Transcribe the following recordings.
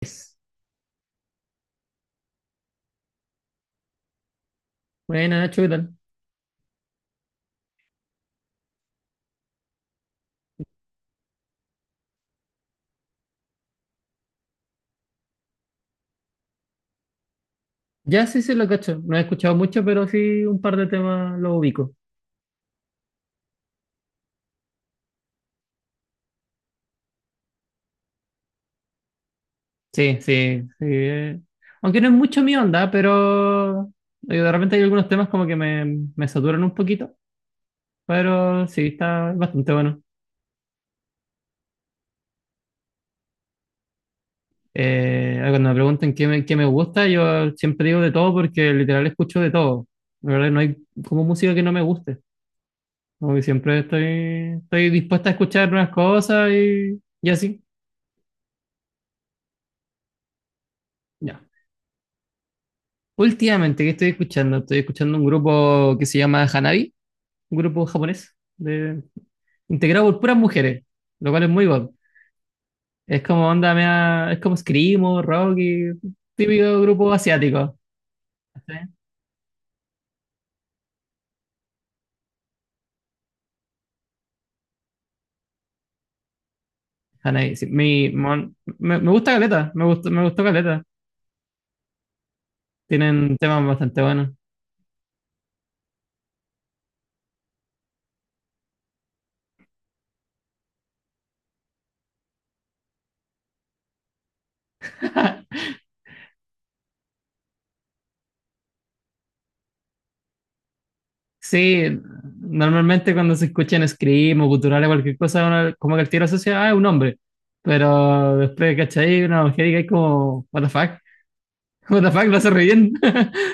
Es. Buena, Nacho, ¿qué tal? Ya sí, sí, lo cacho. No he escuchado mucho, pero sí un par de temas lo ubico. Sí, sí, sí. Aunque no es mucho mi onda, pero de repente hay algunos temas como que me saturan un poquito, pero sí, está bastante bueno. Cuando me preguntan qué me gusta, yo siempre digo de todo porque literal escucho de todo. La verdad, no hay como música que no me guste. Como que estoy dispuesta a escuchar nuevas cosas y así. Ya. Últimamente, ¿qué estoy escuchando? Estoy escuchando un grupo que se llama Hanabi, un grupo japonés, de, integrado por puras mujeres, lo cual es muy guapo. Es como onda, es como Screamo, rock y típico grupo asiático. ¿Sí? Hanabi, sí. Me gusta Caleta, me gustó Caleta. Tienen temas bastante buenos. Sí, normalmente cuando se escuchan scream o cultural o cualquier cosa, uno como que el tiro asocia, ah, es un hombre. Pero después, ¿cachai? Una mujer y que es como, what the fuck. What the fuck, lo hace re bien.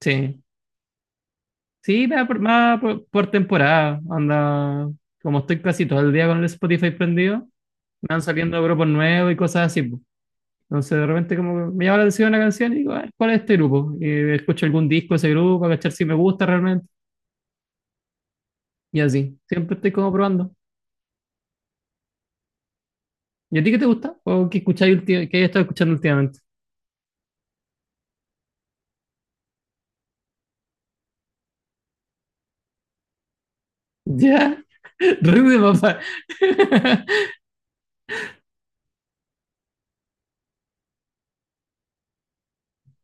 Sí. Sí, va por temporada. Anda. Como estoy casi todo el día con el Spotify prendido, me van saliendo grupos nuevos y cosas así. Po. Entonces, de repente, como que me llama la atención una canción y digo, "Ah, ¿cuál es este grupo? Y escucho algún disco de ese grupo, a cachar si me gusta realmente. Y así. Siempre estoy como probando. ¿Y a ti qué te gusta? ¿O qué escucháis qué hayas estado escuchando últimamente? Ya, ruido de papá.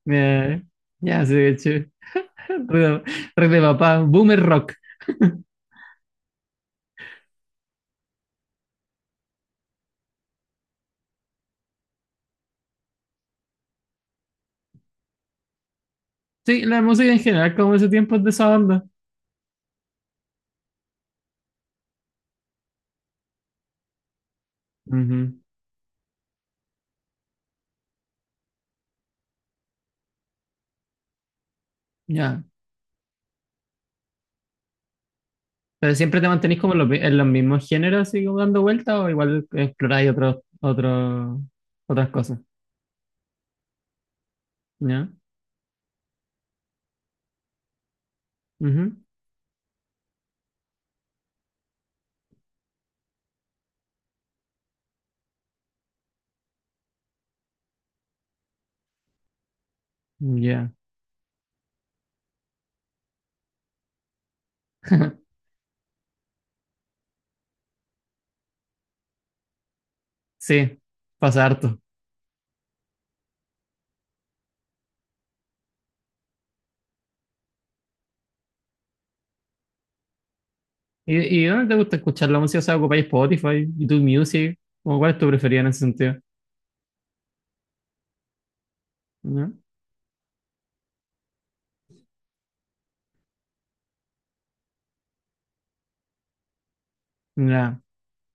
Ya, ya, sí, de hecho. Ruido- ruido de papá. Boomer rock. Sí, la música en general, como ese tiempo es de esa onda. Ujú. Ya. Pero siempre te mantenís como en en los mismos géneros, así como dando vueltas, o igual exploráis otros, otras cosas. Ya. Ujú. Ya. Sí, pasa harto. ¿Y, y dónde te gusta escuchar la música? O sea, ocupáis Spotify, YouTube Music, como cuál es tu preferida en ese sentido. Ya. Ya,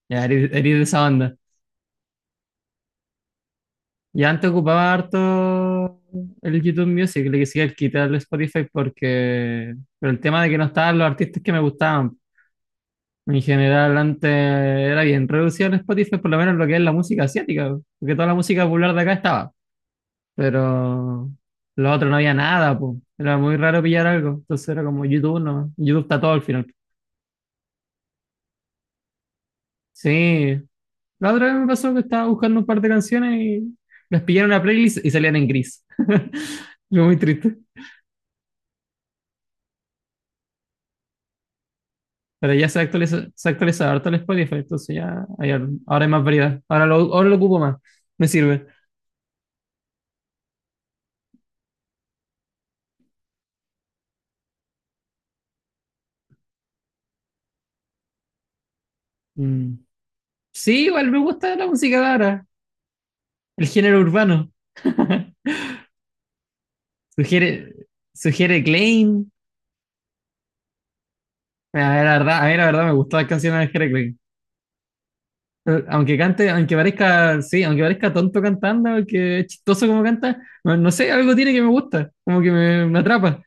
ya eres de esa banda. Y antes ocupaba harto el YouTube Music, le quisiera quitar el Spotify porque, pero el tema de que no estaban los artistas que me gustaban. En general, antes era bien reducido el Spotify, por lo menos lo que es la música asiática, porque toda la música popular de acá estaba, pero lo otro no había nada, po. Era muy raro pillar algo, entonces era como YouTube, no, YouTube está todo al final. Sí, la otra vez me pasó que estaba buscando un par de canciones y las pillé en una playlist y salían en gris. Fue muy triste. Pero ya se actualiza harto el Spotify, entonces ya hay ahora hay más variedad. Ahora lo ocupo más, me sirve. Mm. Sí, igual me gusta la música de ahora, el género urbano. Sugiere, sugiere Klein. A ver, la verdad, a mí la verdad me gustan las canciones de Jere Klein. Aunque aunque parezca, sí, aunque parezca tonto cantando, aunque es chistoso como canta, no, no sé, algo tiene que me gusta, como que me atrapa.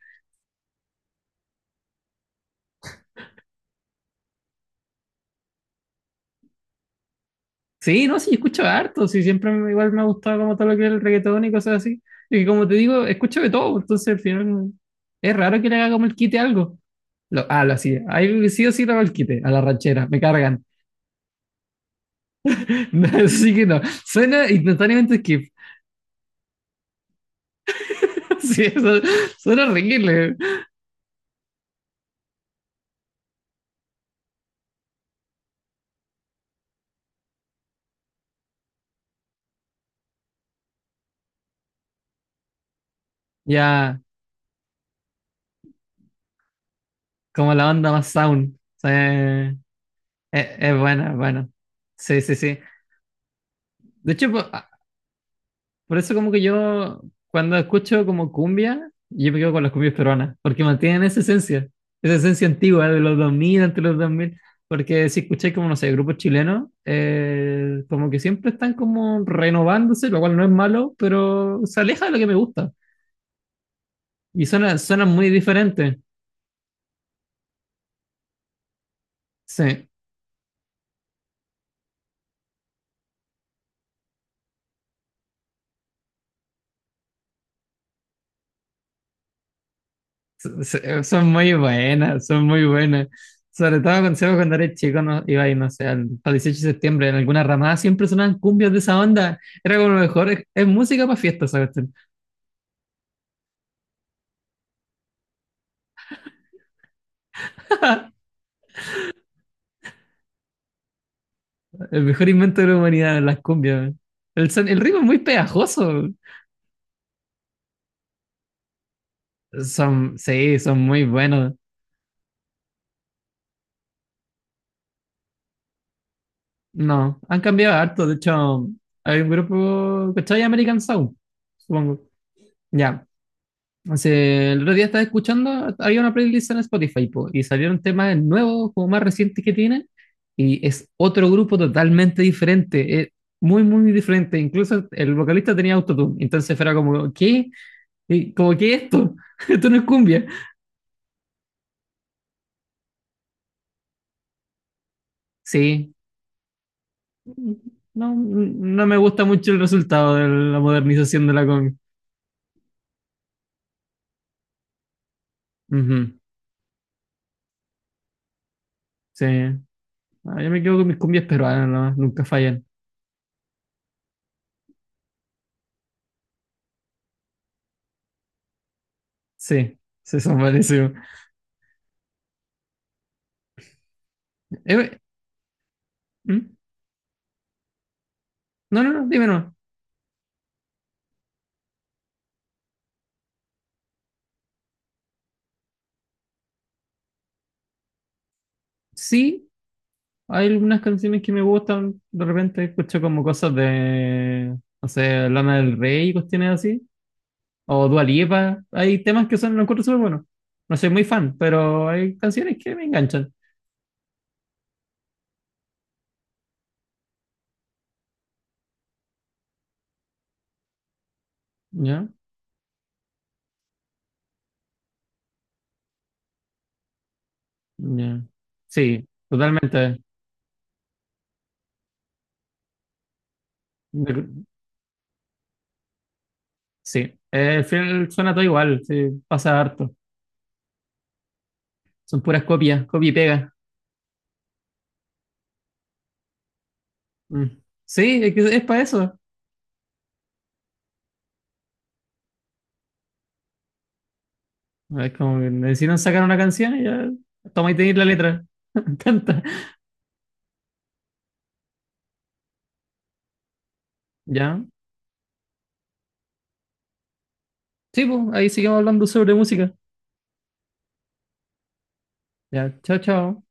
Sí, no, sí, yo escucho harto, sí, igual me ha gustado como todo lo que es el reggaetón y cosas así. Y que como te digo, escucho de todo, entonces al final es raro que le haga como el quite a algo. Lo hacía. Ahí sí o sí le hago el quite a la ranchera, me cargan. No, así que no, suena instantáneamente skip. Sí, eso, suena horrible. Ya, como la onda más sound. Sí, es buena, es buena. Sí, sí, sí. De hecho, pues, por eso como que yo cuando escucho como cumbia, yo me quedo con las cumbias peruanas, porque mantienen esa esencia antigua de los 2000, entre los 2000, porque si escucháis como, no sé, grupos chilenos, como que siempre están como renovándose, lo cual no es malo, pero se aleja de lo que me gusta y suena muy diferente. Sí, Son muy buenas, son muy buenas. Sobre todo con Seba cuando eres chico, no, iba y no sé, al, para 18 de septiembre, en alguna ramada siempre sonaban cumbias de esa onda. Era como lo mejor, es música para fiestas, ¿sabes? El mejor invento de la humanidad, las cumbias. El ritmo es muy pegajoso. Sí, son muy buenos. No, han cambiado harto. De hecho, hay un grupo, ¿cachai? American Sound, supongo. Ya, el otro día estaba escuchando, había una playlist en Spotify po, y salieron temas nuevos, como más recientes que tienen, y es otro grupo totalmente diferente, es muy, muy diferente. Incluso el vocalista tenía autotune, entonces era como, ¿qué? Y como, ¿qué es esto? Esto no es cumbia. Sí, no, no me gusta mucho el resultado de la modernización de la cumbia. Ujú, sí, ah, yo me quedo con mis cumbias peruanas, nomás, nunca fallan. Sí, sí, son buenísimos. Eh, ¿Mm? No, no, no, dime no. Sí, hay algunas canciones que me gustan. De repente escucho como cosas de, no sé, Lana del Rey y cuestiones así. O Dua Lipa. Hay temas que son, los encuentro súper buenos. No soy muy fan, pero hay canciones que me enganchan. ¿Ya? ¿Ya? Sí, totalmente. De- Sí. Al final suena todo igual. Sí, pasa harto. Son puras copias, copia y pega. Mm. Sí, es que es para eso. Es como que necesitan sacar una canción y ya. Toma y tenéis la letra. Canta. ¿Ya? Sí, pues, ahí seguimos hablando sobre música. Ya, chao, chao.